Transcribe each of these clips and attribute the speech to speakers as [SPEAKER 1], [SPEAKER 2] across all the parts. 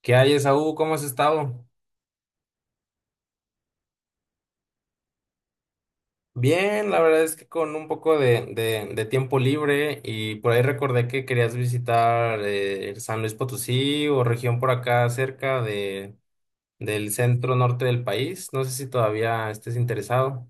[SPEAKER 1] ¿Qué hay, Esaú? ¿Cómo has estado? Bien, la verdad es que con un poco de tiempo libre y por ahí recordé que querías visitar San Luis Potosí o región por acá cerca de, del centro norte del país. No sé si todavía estés interesado.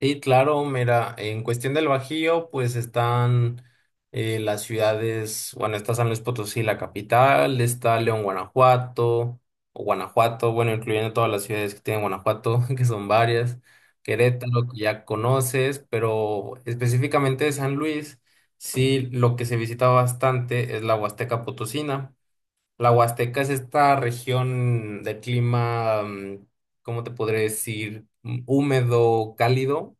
[SPEAKER 1] Sí, claro, mira, en cuestión del Bajío, pues están las ciudades, bueno, está San Luis Potosí, la capital, está León, Guanajuato, o Guanajuato, bueno, incluyendo todas las ciudades que tiene Guanajuato, que son varias, Querétaro, que ya conoces, pero específicamente de San Luis, sí, lo que se visita bastante es la Huasteca Potosina. La Huasteca es esta región de clima, ¿cómo te podré decir? Húmedo, cálido.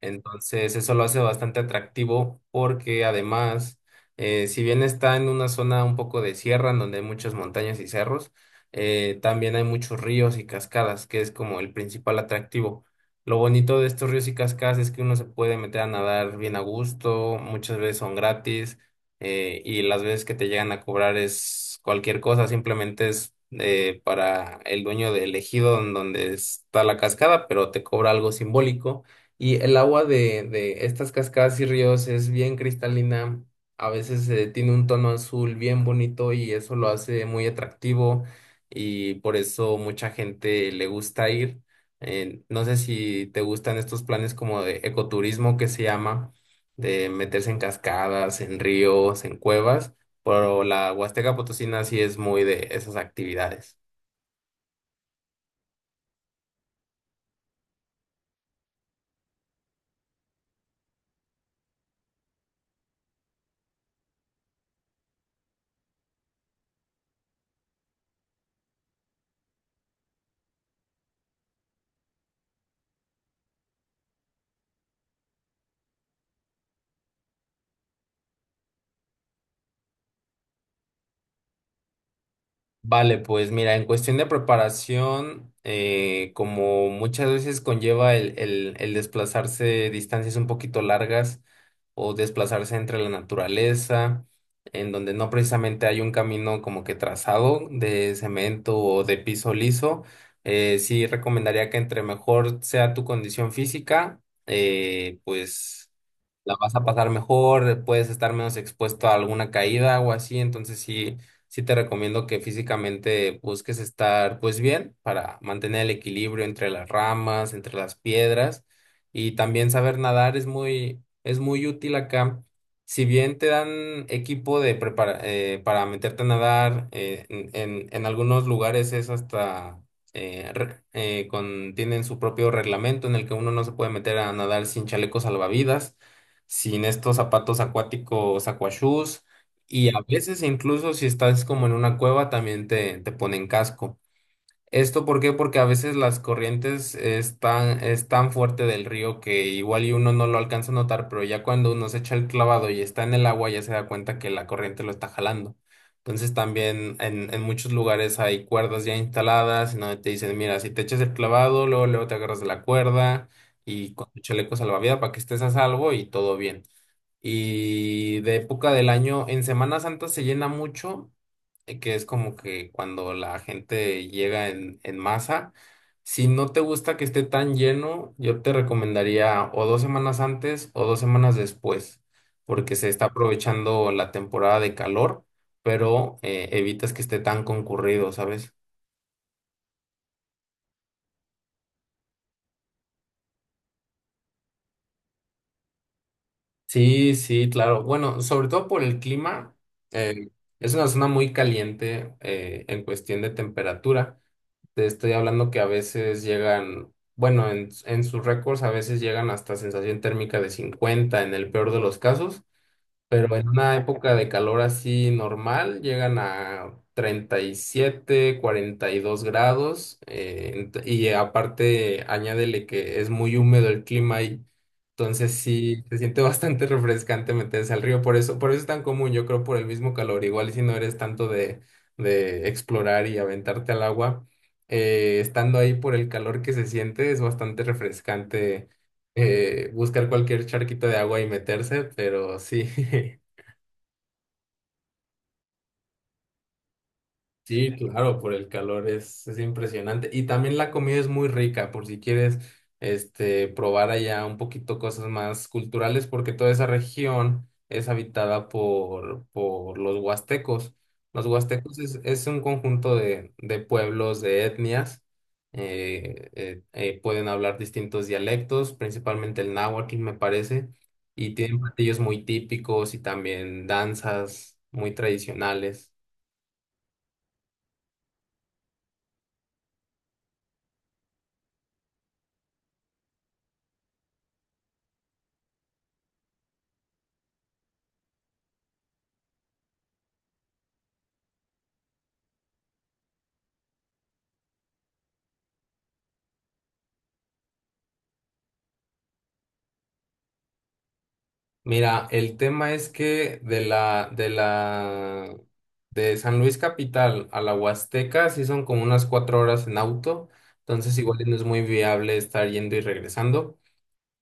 [SPEAKER 1] Entonces, eso lo hace bastante atractivo porque además, si bien está en una zona un poco de sierra, en donde hay muchas montañas y cerros, también hay muchos ríos y cascadas, que es como el principal atractivo. Lo bonito de estos ríos y cascadas es que uno se puede meter a nadar bien a gusto, muchas veces son gratis, y las veces que te llegan a cobrar es cualquier cosa, simplemente es para el dueño del ejido en donde está la cascada, pero te cobra algo simbólico y el agua de estas cascadas y ríos es bien cristalina, a veces tiene un tono azul bien bonito y eso lo hace muy atractivo y por eso mucha gente le gusta ir. No sé si te gustan estos planes como de ecoturismo que se llama, de meterse en cascadas, en ríos, en cuevas, pero la Huasteca Potosina sí es muy de esas actividades. Vale, pues mira, en cuestión de preparación, como muchas veces conlleva el desplazarse distancias un poquito largas o desplazarse entre la naturaleza, en donde no precisamente hay un camino como que trazado de cemento o de piso liso, sí recomendaría que entre mejor sea tu condición física, pues la vas a pasar mejor, puedes estar menos expuesto a alguna caída o así, entonces sí te recomiendo que físicamente busques estar pues bien para mantener el equilibrio entre las ramas, entre las piedras y también saber nadar es muy útil acá. Si bien te dan equipo de para meterte a nadar, en algunos lugares es hasta tienen su propio reglamento en el que uno no se puede meter a nadar sin chalecos salvavidas, sin estos zapatos acuáticos aquashoes y a veces incluso si estás como en una cueva también te ponen casco. ¿Esto por qué? Porque a veces las corrientes están tan, es tan fuerte del río que igual y uno no lo alcanza a notar, pero ya cuando uno se echa el clavado y está en el agua ya se da cuenta que la corriente lo está jalando. Entonces también en muchos lugares hay cuerdas ya instaladas en donde te dicen, mira, si te echas el clavado, luego, luego te agarras de la cuerda y con tu chaleco salvavidas para que estés a salvo y todo bien. Y de época del año, en Semana Santa se llena mucho, que es como que cuando la gente llega en masa. Si no te gusta que esté tan lleno, yo te recomendaría o dos semanas antes o dos semanas después, porque se está aprovechando la temporada de calor, pero evitas que esté tan concurrido, ¿sabes? Sí, sí, claro. Bueno, sobre todo por el clima, eh, es una zona muy caliente en cuestión de temperatura. Te estoy hablando que a veces llegan, bueno, en sus récords a veces llegan hasta sensación térmica de 50 en el peor de los casos, pero en una época de calor así normal llegan a 37, 42 grados y aparte añádele que es muy húmedo el clima y entonces sí se siente bastante refrescante meterse al río, por eso es tan común, yo creo por el mismo calor, igual si no eres tanto de explorar y aventarte al agua, estando ahí por el calor que se siente es bastante refrescante, buscar cualquier charquito de agua y meterse, pero sí. Sí, claro, por el calor es impresionante. Y también la comida es muy rica, por si quieres este, probar allá un poquito cosas más culturales, porque toda esa región es habitada por los huastecos. Los huastecos es un conjunto de pueblos, de etnias. Pueden hablar distintos dialectos, principalmente el náhuatl, me parece, y tienen platillos muy típicos y también danzas muy tradicionales. Mira, el tema es que de San Luis Capital a la Huasteca sí son como unas 4 horas en auto, entonces igual y no es muy viable estar yendo y regresando.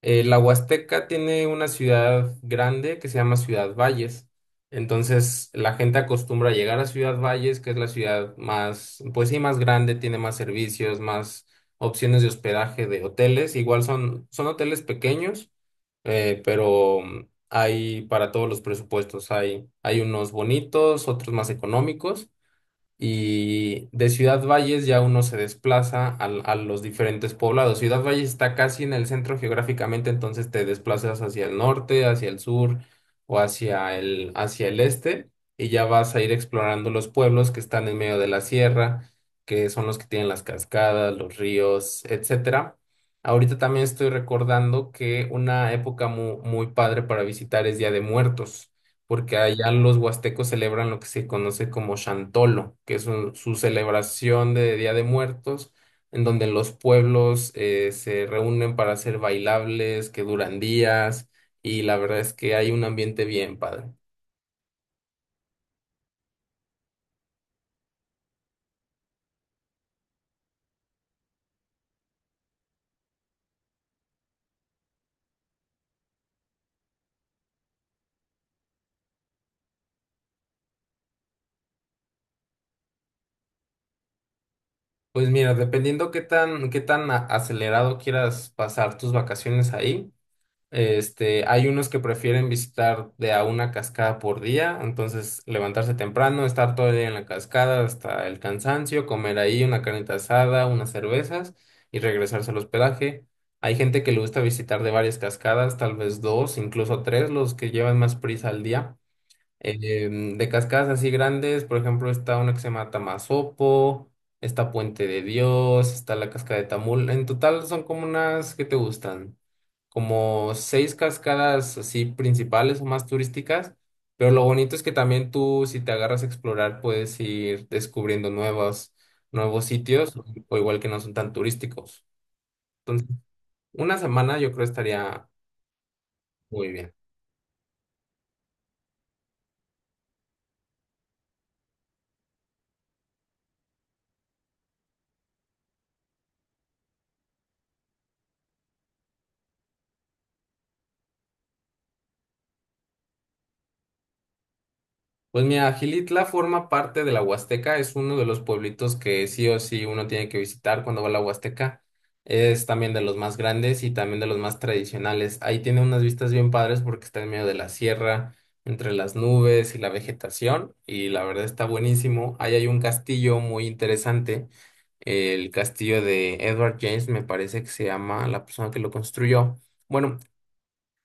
[SPEAKER 1] La Huasteca tiene una ciudad grande que se llama Ciudad Valles, entonces la gente acostumbra a llegar a Ciudad Valles, que es la ciudad más, pues sí, más grande, tiene más servicios, más opciones de hospedaje de hoteles, igual son, son hoteles pequeños, pero hay para todos los presupuestos, hay unos bonitos, otros más económicos. Y de Ciudad Valles ya uno se desplaza los diferentes poblados. Ciudad Valles está casi en el centro geográficamente, entonces te desplazas hacia el norte, hacia el sur o hacia el este y ya vas a ir explorando los pueblos que están en medio de la sierra, que son los que tienen las cascadas, los ríos, etcétera. Ahorita también estoy recordando que una época muy padre para visitar es Día de Muertos porque allá los huastecos celebran lo que se conoce como Chantolo, que es su celebración de Día de Muertos, en donde los pueblos se reúnen para hacer bailables que duran días, y la verdad es que hay un ambiente bien padre. Pues mira, dependiendo qué tan acelerado quieras pasar tus vacaciones ahí, este, hay unos que prefieren visitar de a una cascada por día, entonces levantarse temprano, estar todo el día en la cascada hasta el cansancio, comer ahí una carnita asada, unas cervezas y regresarse al hospedaje. Hay gente que le gusta visitar de varias cascadas, tal vez dos, incluso tres, los que llevan más prisa al día. De cascadas así grandes, por ejemplo, está una que se llama Tamasopo, está Puente de Dios, está la cascada de Tamul. En total son como unas que te gustan como 6 cascadas así principales o más turísticas, pero lo bonito es que también tú, si te agarras a explorar, puedes ir descubriendo nuevos, nuevos sitios, o igual que no son tan turísticos. Entonces, 1 semana yo creo estaría muy bien. Pues mira, Gilitla forma parte de la Huasteca, es uno de los pueblitos que sí o sí uno tiene que visitar cuando va a la Huasteca. Es también de los más grandes y también de los más tradicionales. Ahí tiene unas vistas bien padres porque está en medio de la sierra, entre las nubes y la vegetación, y la verdad está buenísimo. Ahí hay un castillo muy interesante, el castillo de Edward James, me parece que se llama la persona que lo construyó. Bueno,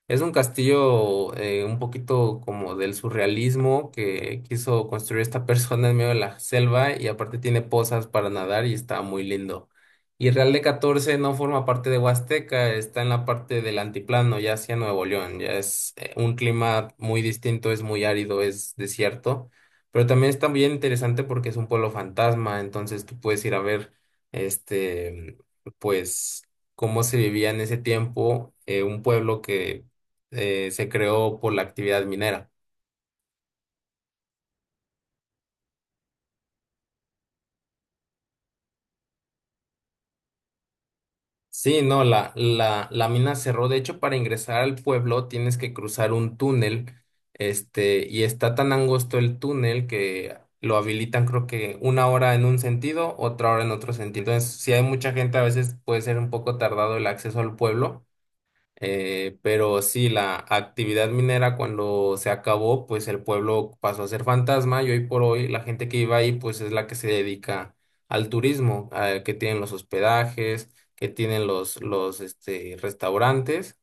[SPEAKER 1] es un castillo un poquito como del surrealismo que quiso construir esta persona en medio de la selva y aparte tiene pozas para nadar y está muy lindo. Y Real de catorce no forma parte de Huasteca, está en la parte del antiplano, ya hacia Nuevo León, ya es un clima muy distinto, es muy árido, es desierto, pero también está bien interesante porque es un pueblo fantasma, entonces tú puedes ir a ver este, pues cómo se vivía en ese tiempo, un pueblo que se creó por la actividad minera. Sí, no, la mina cerró. De hecho, para ingresar al pueblo tienes que cruzar un túnel, este, y está tan angosto el túnel que lo habilitan, creo que 1 hora en un sentido, otra hora en otro sentido. Entonces, si hay mucha gente, a veces puede ser un poco tardado el acceso al pueblo. Pero sí, la actividad minera cuando se acabó, pues el pueblo pasó a ser fantasma y hoy por hoy la gente que vive ahí, pues es la que se dedica al turismo, que tienen los hospedajes, que tienen los este, restaurantes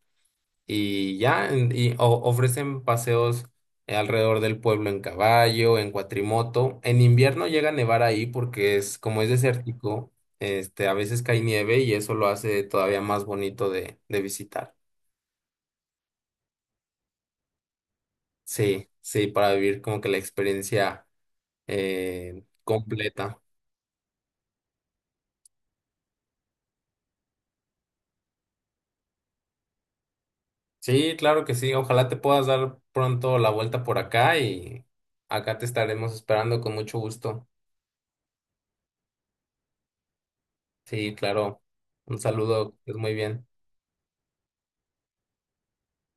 [SPEAKER 1] y ya, ofrecen paseos alrededor del pueblo en caballo, en cuatrimoto. En invierno llega a nevar ahí porque es, como es desértico, este, a veces cae nieve y eso lo hace todavía más bonito de visitar. Sí, sí, para vivir como que la experiencia completa. Sí, claro que sí. Ojalá te puedas dar pronto la vuelta por acá y acá te estaremos esperando con mucho gusto. Sí, claro. Un saludo, es muy bien.